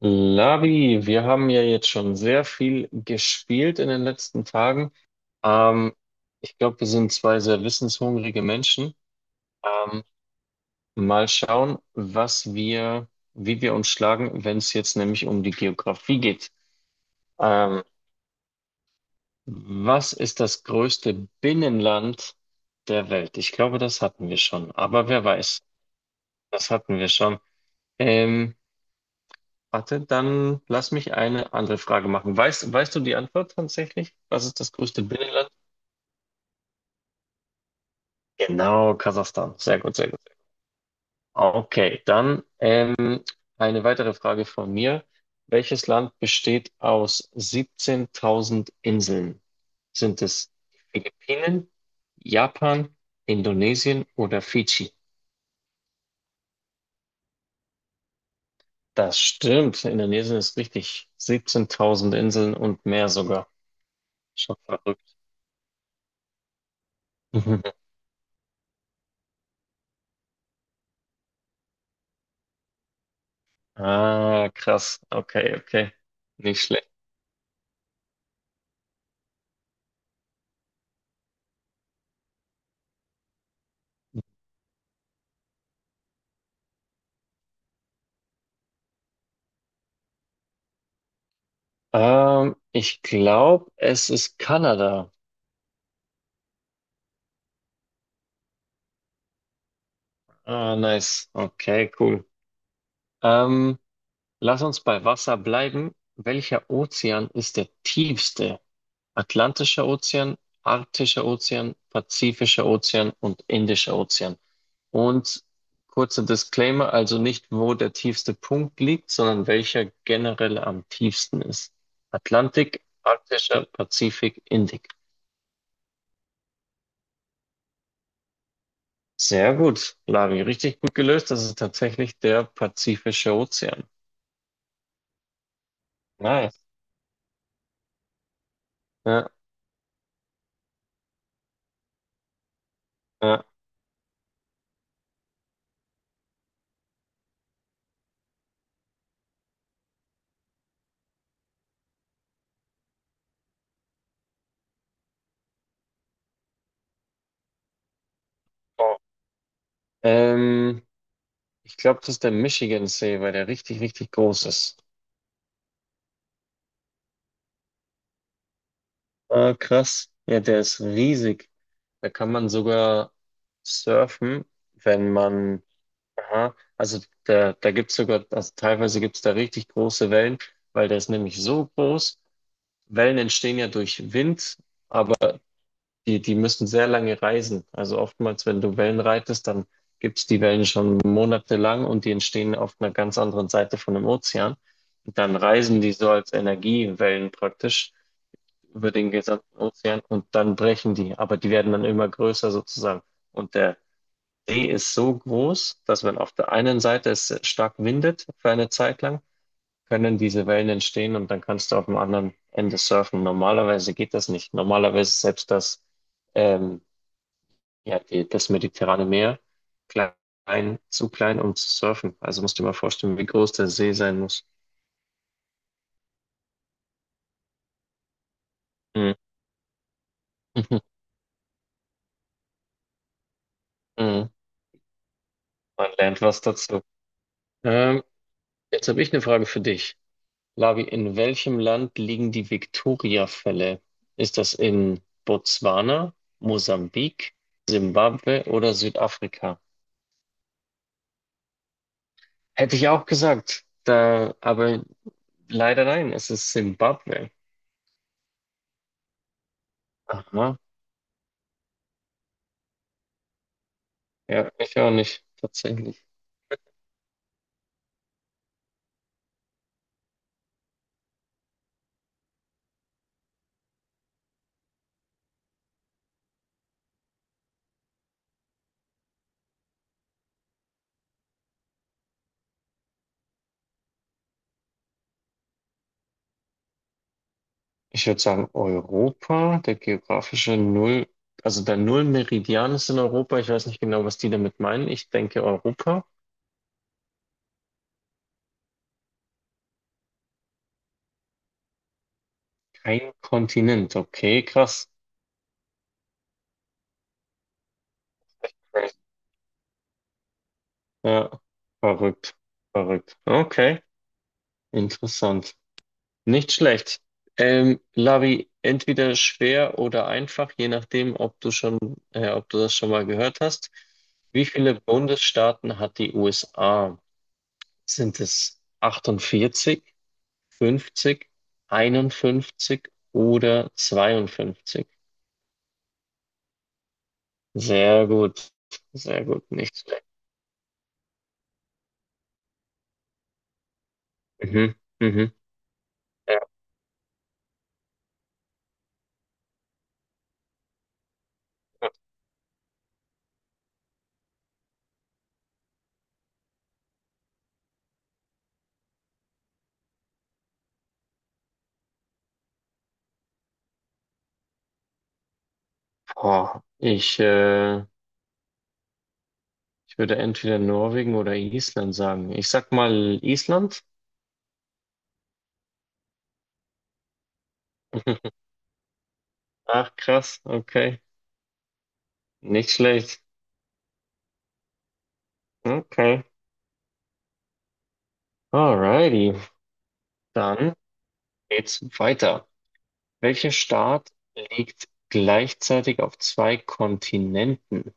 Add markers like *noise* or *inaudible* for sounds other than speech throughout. Labi, wir haben ja jetzt schon sehr viel gespielt in den letzten Tagen. Ähm, ich glaube, wir sind zwei sehr wissenshungrige Menschen. Ähm, mal schauen, was wir, wie wir uns schlagen, wenn es jetzt nämlich um die Geografie geht. Ähm, was ist das größte Binnenland der Welt? Ich glaube, das hatten wir schon. Aber wer weiß, das hatten wir schon. Ähm, Warte, dann lass mich eine andere Frage machen. Weißt du die Antwort tatsächlich? Was ist das größte Binnenland? Genau, Kasachstan. Sehr gut, sehr gut. Okay, dann eine weitere Frage von mir. Welches Land besteht aus 17.000 Inseln? Sind es die Philippinen, Japan, Indonesien oder Fidschi? Das stimmt. Indonesien ist richtig. 17.000 Inseln und mehr sogar. Schon verrückt. *laughs* Ah, krass. Okay, okay. Nicht schlecht. Ich glaube, es ist Kanada. Ah, nice. Okay, cool. Ähm, lass uns bei Wasser bleiben. Welcher Ozean ist der tiefste? Atlantischer Ozean, Arktischer Ozean, Pazifischer Ozean und Indischer Ozean. Und kurzer Disclaimer, also nicht, wo der tiefste Punkt liegt, sondern welcher generell am tiefsten ist. Atlantik, Arktischer, Pazifik, Indik. Sehr gut, Lavi. Richtig gut gelöst. Das ist tatsächlich der Pazifische Ozean. Nice. Ja, ja. Ähm, ich glaube, das ist der Michigansee, weil der richtig, richtig groß ist. Ah, krass. Ja, der ist riesig. Da kann man sogar surfen, wenn man, aha, also da gibt es sogar, also teilweise gibt es da richtig große Wellen, weil der ist nämlich so groß. Wellen entstehen ja durch Wind. Die müssen sehr lange reisen. Also oftmals, wenn du Wellen reitest, dann gibt's die Wellen schon monatelang und die entstehen auf einer ganz anderen Seite von dem Ozean. Und dann reisen die so als Energiewellen praktisch über den gesamten Ozean und dann brechen die. Aber die werden dann immer größer sozusagen. Und der See ist so groß, dass wenn auf der einen Seite es stark windet für eine Zeit lang, können diese Wellen entstehen und dann kannst du auf dem anderen Ende surfen. Normalerweise geht das nicht. Normalerweise selbst das ähm, ja, die, das Mediterrane Meer, klein, zu klein, um zu surfen. Also musst du dir mal vorstellen, wie groß der See sein muss. Hm. Hm. *laughs* Man lernt was dazu. Ähm, jetzt habe ich eine Frage für dich. Lavi, in welchem Land liegen die Victoria-Fälle? Ist das in Botswana, Mosambik, Simbabwe oder Südafrika? Hätte ich auch gesagt. Da, aber leider nein, es ist Simbabwe. Aha, ja, ich auch nicht, tatsächlich. Ich würde sagen, Europa, der geografische Null, also der Nullmeridian ist in Europa. Ich weiß nicht genau, was die damit meinen. Ich denke Europa. Kein Kontinent. Okay, krass. Crazy. Ja, verrückt. Verrückt. Okay, interessant. Nicht schlecht. Lavi, entweder schwer oder einfach, je nachdem, ob du schon, ob du das schon mal gehört hast. Wie viele Bundesstaaten hat die USA? Sind es 48? Fünfzig, 51 oder zweiundfünfzig? Sehr gut, sehr gut, nicht schlecht. Mhm, mhm. Ja. Boah, ich würde entweder Norwegen oder Island sagen. Ich sag mal Island. *laughs* Ach, krass, okay. Nicht schlecht. Okay. Alrighty. Dann geht's weiter. Welcher Staat liegt gleichzeitig auf zwei Kontinenten?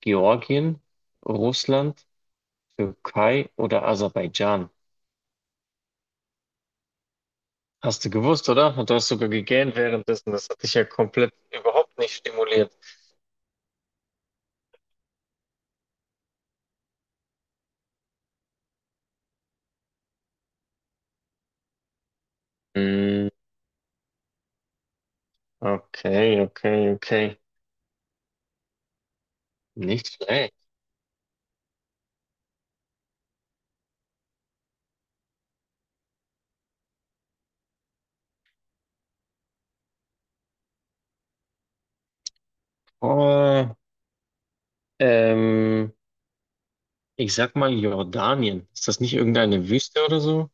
Georgien, Russland, Türkei oder Aserbaidschan? Hast du gewusst, oder? Und du hast sogar gegähnt währenddessen. Das hat dich ja komplett überhaupt nicht stimuliert. Hm, okay, okay, okay. Nicht schlecht. Oh, ähm, ich sag mal Jordanien. Ist das nicht irgendeine Wüste oder so?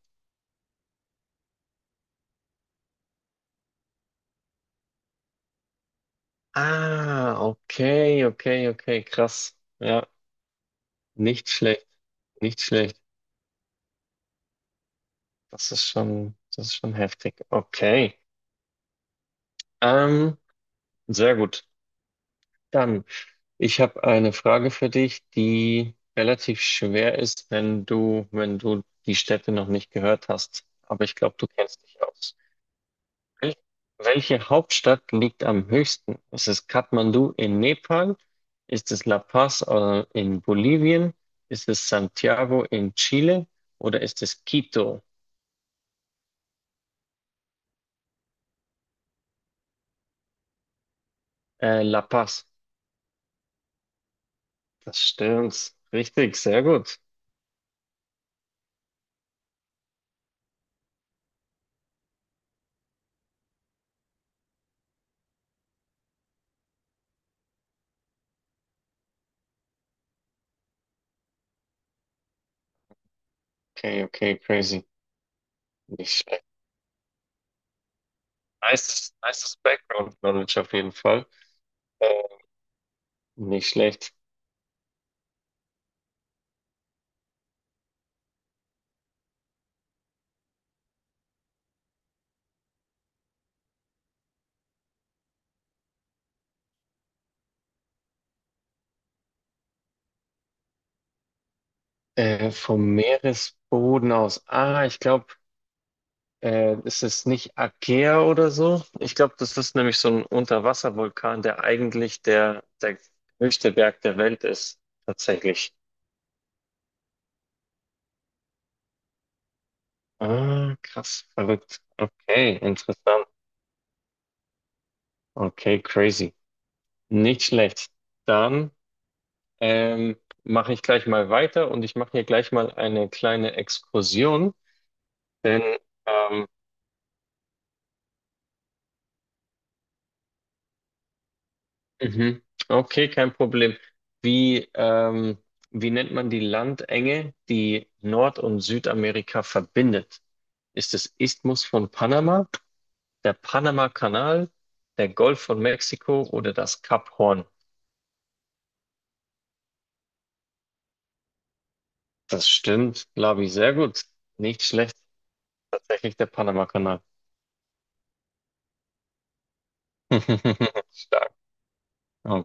Ah, okay, okay, okay, krass. Ja, nicht schlecht, nicht schlecht. Das ist schon heftig. Okay. Ähm, sehr gut. Dann. Ich habe eine Frage für dich, die relativ schwer ist, wenn du, wenn du die Städte noch nicht gehört hast. Aber ich glaube, du kennst dich aus. Wel welche Hauptstadt liegt am höchsten? Ist es Kathmandu in Nepal? Ist es La Paz, in Bolivien? Ist es Santiago in Chile? Oder ist es Quito, La Paz? Das stimmt. Richtig, sehr gut. Okay, okay, crazy. Nicht schlecht. Nice, nice Background Knowledge auf jeden Fall. Nicht schlecht. Vom Meeresboden aus. Ah, ich glaube, ist es nicht Aegea oder so? Ich glaube, das ist nämlich so ein Unterwasservulkan, der eigentlich der höchste Berg der Welt ist, tatsächlich. Ah, krass, verrückt. Okay, interessant. Okay, crazy. Nicht schlecht. Dann ähm, mache ich gleich mal weiter und ich mache hier gleich mal eine kleine Exkursion, denn ähm, Mhm. Okay, kein Problem. Wie, ähm, wie nennt man die Landenge, die Nord- und Südamerika verbindet? Ist es Isthmus von Panama, der Panama-Kanal, der Golf von Mexiko oder das Kap Horn? Das stimmt, Labi, sehr gut. Nicht schlecht. Tatsächlich der Panama-Kanal. *laughs* Stark.